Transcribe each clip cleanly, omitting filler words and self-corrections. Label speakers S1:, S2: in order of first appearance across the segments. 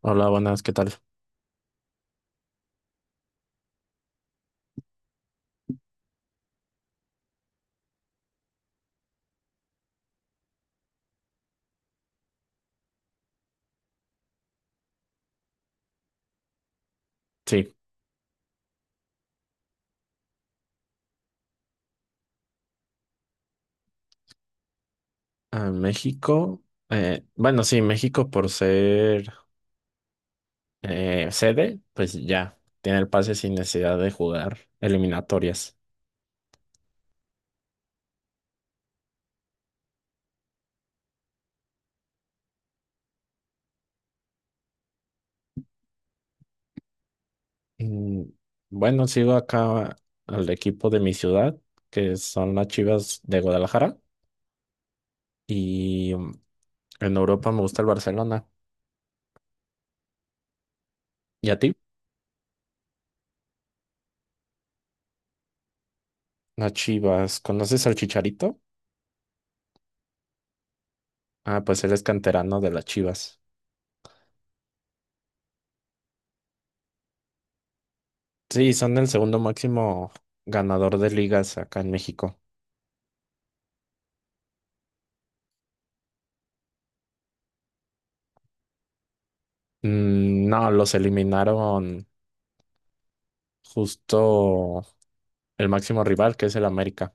S1: Hola, buenas, ¿qué tal? Sí, a México. Bueno, sí, México por ser sede, pues ya tiene el pase sin necesidad de jugar eliminatorias. Mm, bueno, sigo acá al equipo de mi ciudad, que son las Chivas de Guadalajara. Y en Europa me gusta el Barcelona. ¿Y a ti? Las Chivas. ¿Conoces al Chicharito? Ah, pues él es canterano de las Chivas. Sí, son el segundo máximo ganador de ligas acá en México. No, los eliminaron justo el máximo rival, que es el América.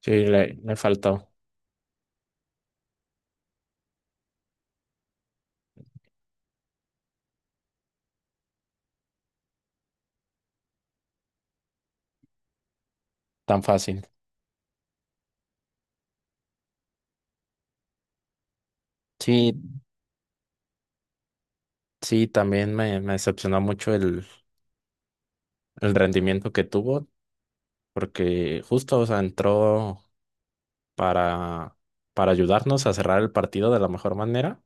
S1: Sí, le faltó tan fácil. Sí, sí, también me decepcionó mucho el rendimiento que tuvo, porque justo, o sea, entró para, para ayudarnos a cerrar el partido de la mejor manera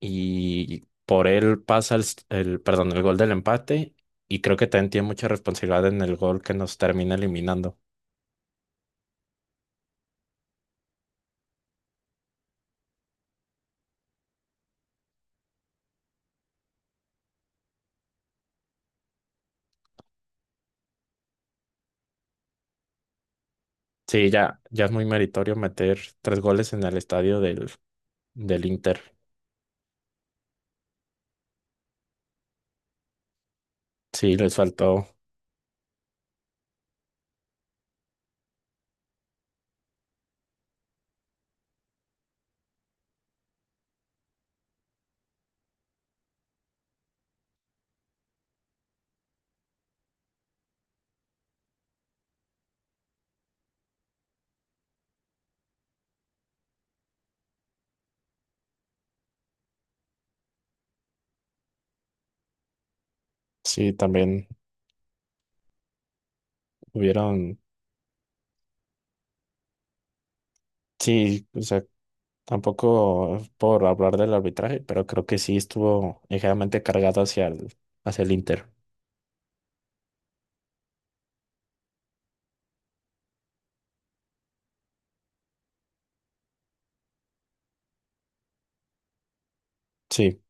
S1: y por él pasa perdón, el gol del empate y creo que también tiene mucha responsabilidad en el gol que nos termina eliminando. Sí, ya es muy meritorio meter tres goles en el estadio del Inter. Sí, les faltó. Sí, también hubieron. Sí, o sea, tampoco es por hablar del arbitraje, pero creo que sí estuvo ligeramente cargado hacia hacia el Inter. Sí,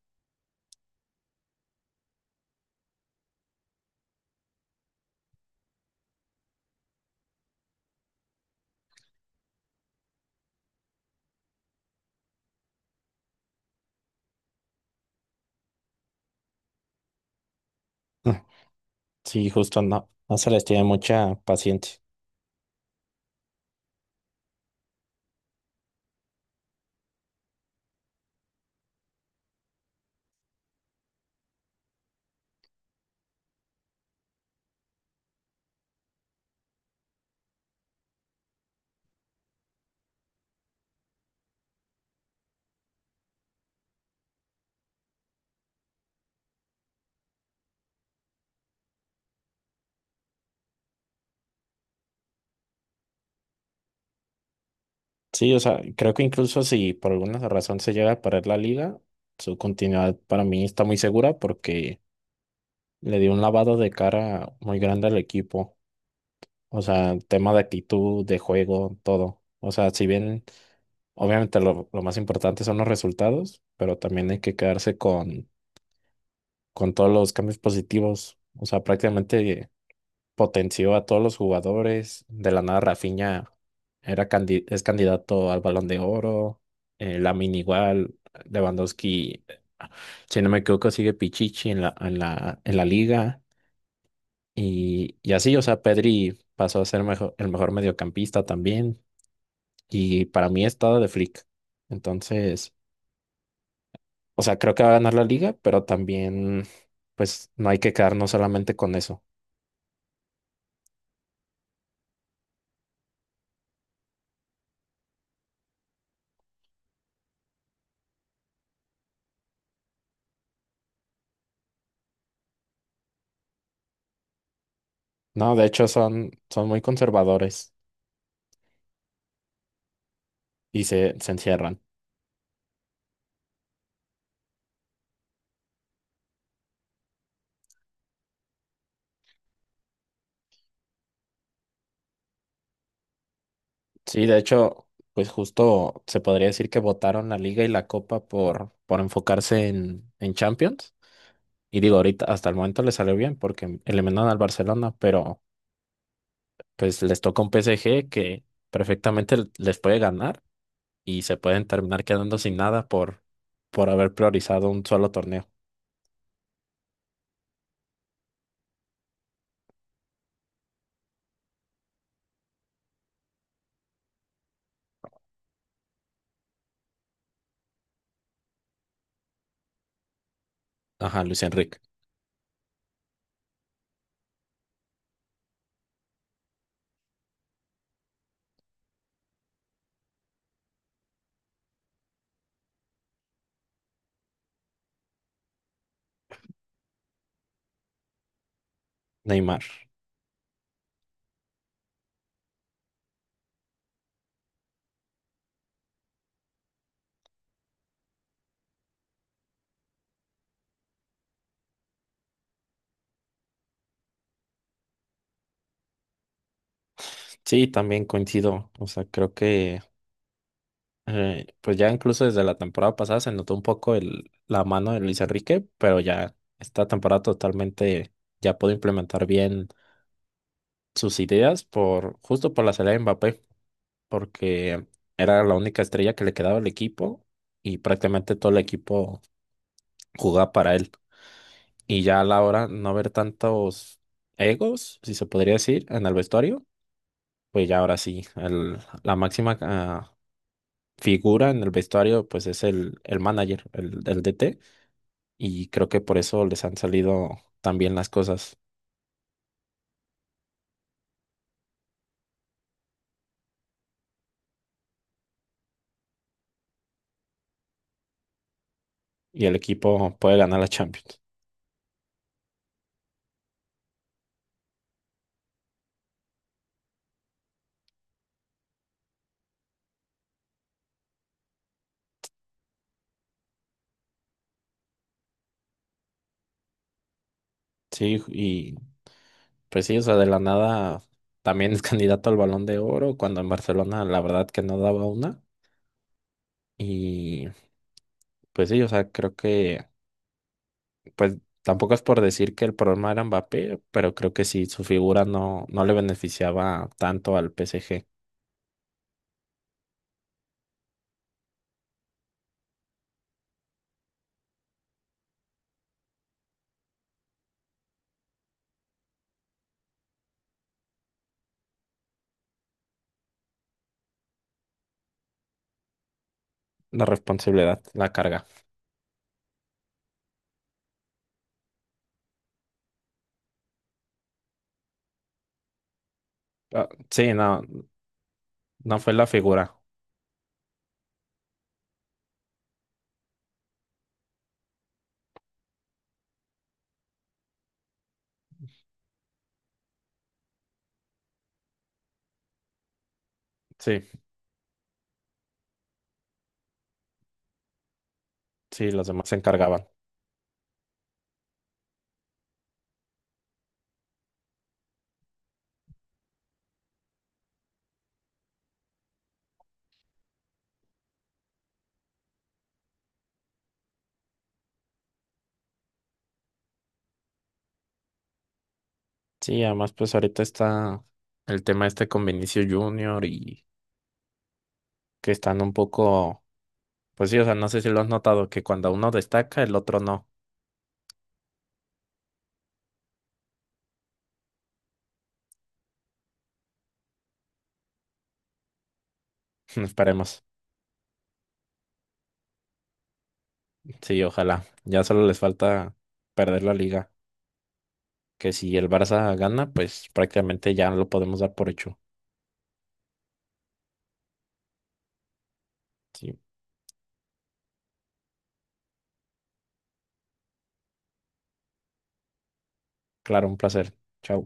S1: ah, sí, justo no, no se les tiene mucha paciencia. Sí, o sea, creo que incluso si por alguna razón se llega a perder la liga, su continuidad para mí está muy segura porque le dio un lavado de cara muy grande al equipo. O sea, tema de actitud, de juego, todo. O sea, si bien obviamente lo más importante son los resultados, pero también hay que quedarse con todos los cambios positivos. O sea, prácticamente potenció a todos los jugadores. De la nada, Rafinha es candidato al Balón de Oro. Lamine igual. Lewandowski, si no me equivoco, sigue Pichichi en en la liga. Y así, o sea, Pedri pasó a ser el mejor mediocampista también. Y para mí está de Flick. Entonces, o sea, creo que va a ganar la liga, pero también, pues, no hay que quedarnos solamente con eso. No, de hecho, son muy conservadores y se encierran. Sí, de hecho, pues justo se podría decir que votaron la liga y la copa por enfocarse en Champions. Y digo, ahorita hasta el momento le salió bien porque eliminaron al Barcelona, pero pues les toca un PSG que les puede ganar y se pueden terminar quedando sin nada por haber priorizado un solo torneo. Ajá, Luis Enrique, Neymar. Sí, también coincido. O sea, creo que pues ya incluso desde la temporada pasada se notó un poco la mano de Luis Enrique, pero ya esta temporada totalmente ya pudo implementar bien sus ideas por justo por la salida de Mbappé. Porque era la única estrella que le quedaba al equipo y prácticamente todo el equipo jugaba para él. Y ya a la hora no ver tantos egos, si se podría decir, en el vestuario, pues ya ahora sí, la máxima figura en el vestuario pues es el manager, el DT, y creo que por eso les han salido tan bien las cosas y el equipo puede ganar la Champions. Sí, y pues sí, o sea, de la nada también es candidato al Balón de Oro, cuando en Barcelona la verdad que no daba una. Y pues sí, o sea, creo que, pues tampoco es por decir que el problema era Mbappé, pero creo que sí, su figura no, no le beneficiaba tanto al PSG. La responsabilidad, la carga. Ah, sí, no, no fue la figura. Sí, sí, los demás se encargaban. Sí, además pues ahorita está el tema este con Vinicius Junior y que están un poco. Pues sí, o sea, no sé si lo has notado, que cuando uno destaca, el otro no. Esperemos. Sí, ojalá. Ya solo les falta perder la liga. Que si el Barça gana, pues prácticamente ya lo podemos dar por hecho. Sí, claro, un placer. Chao.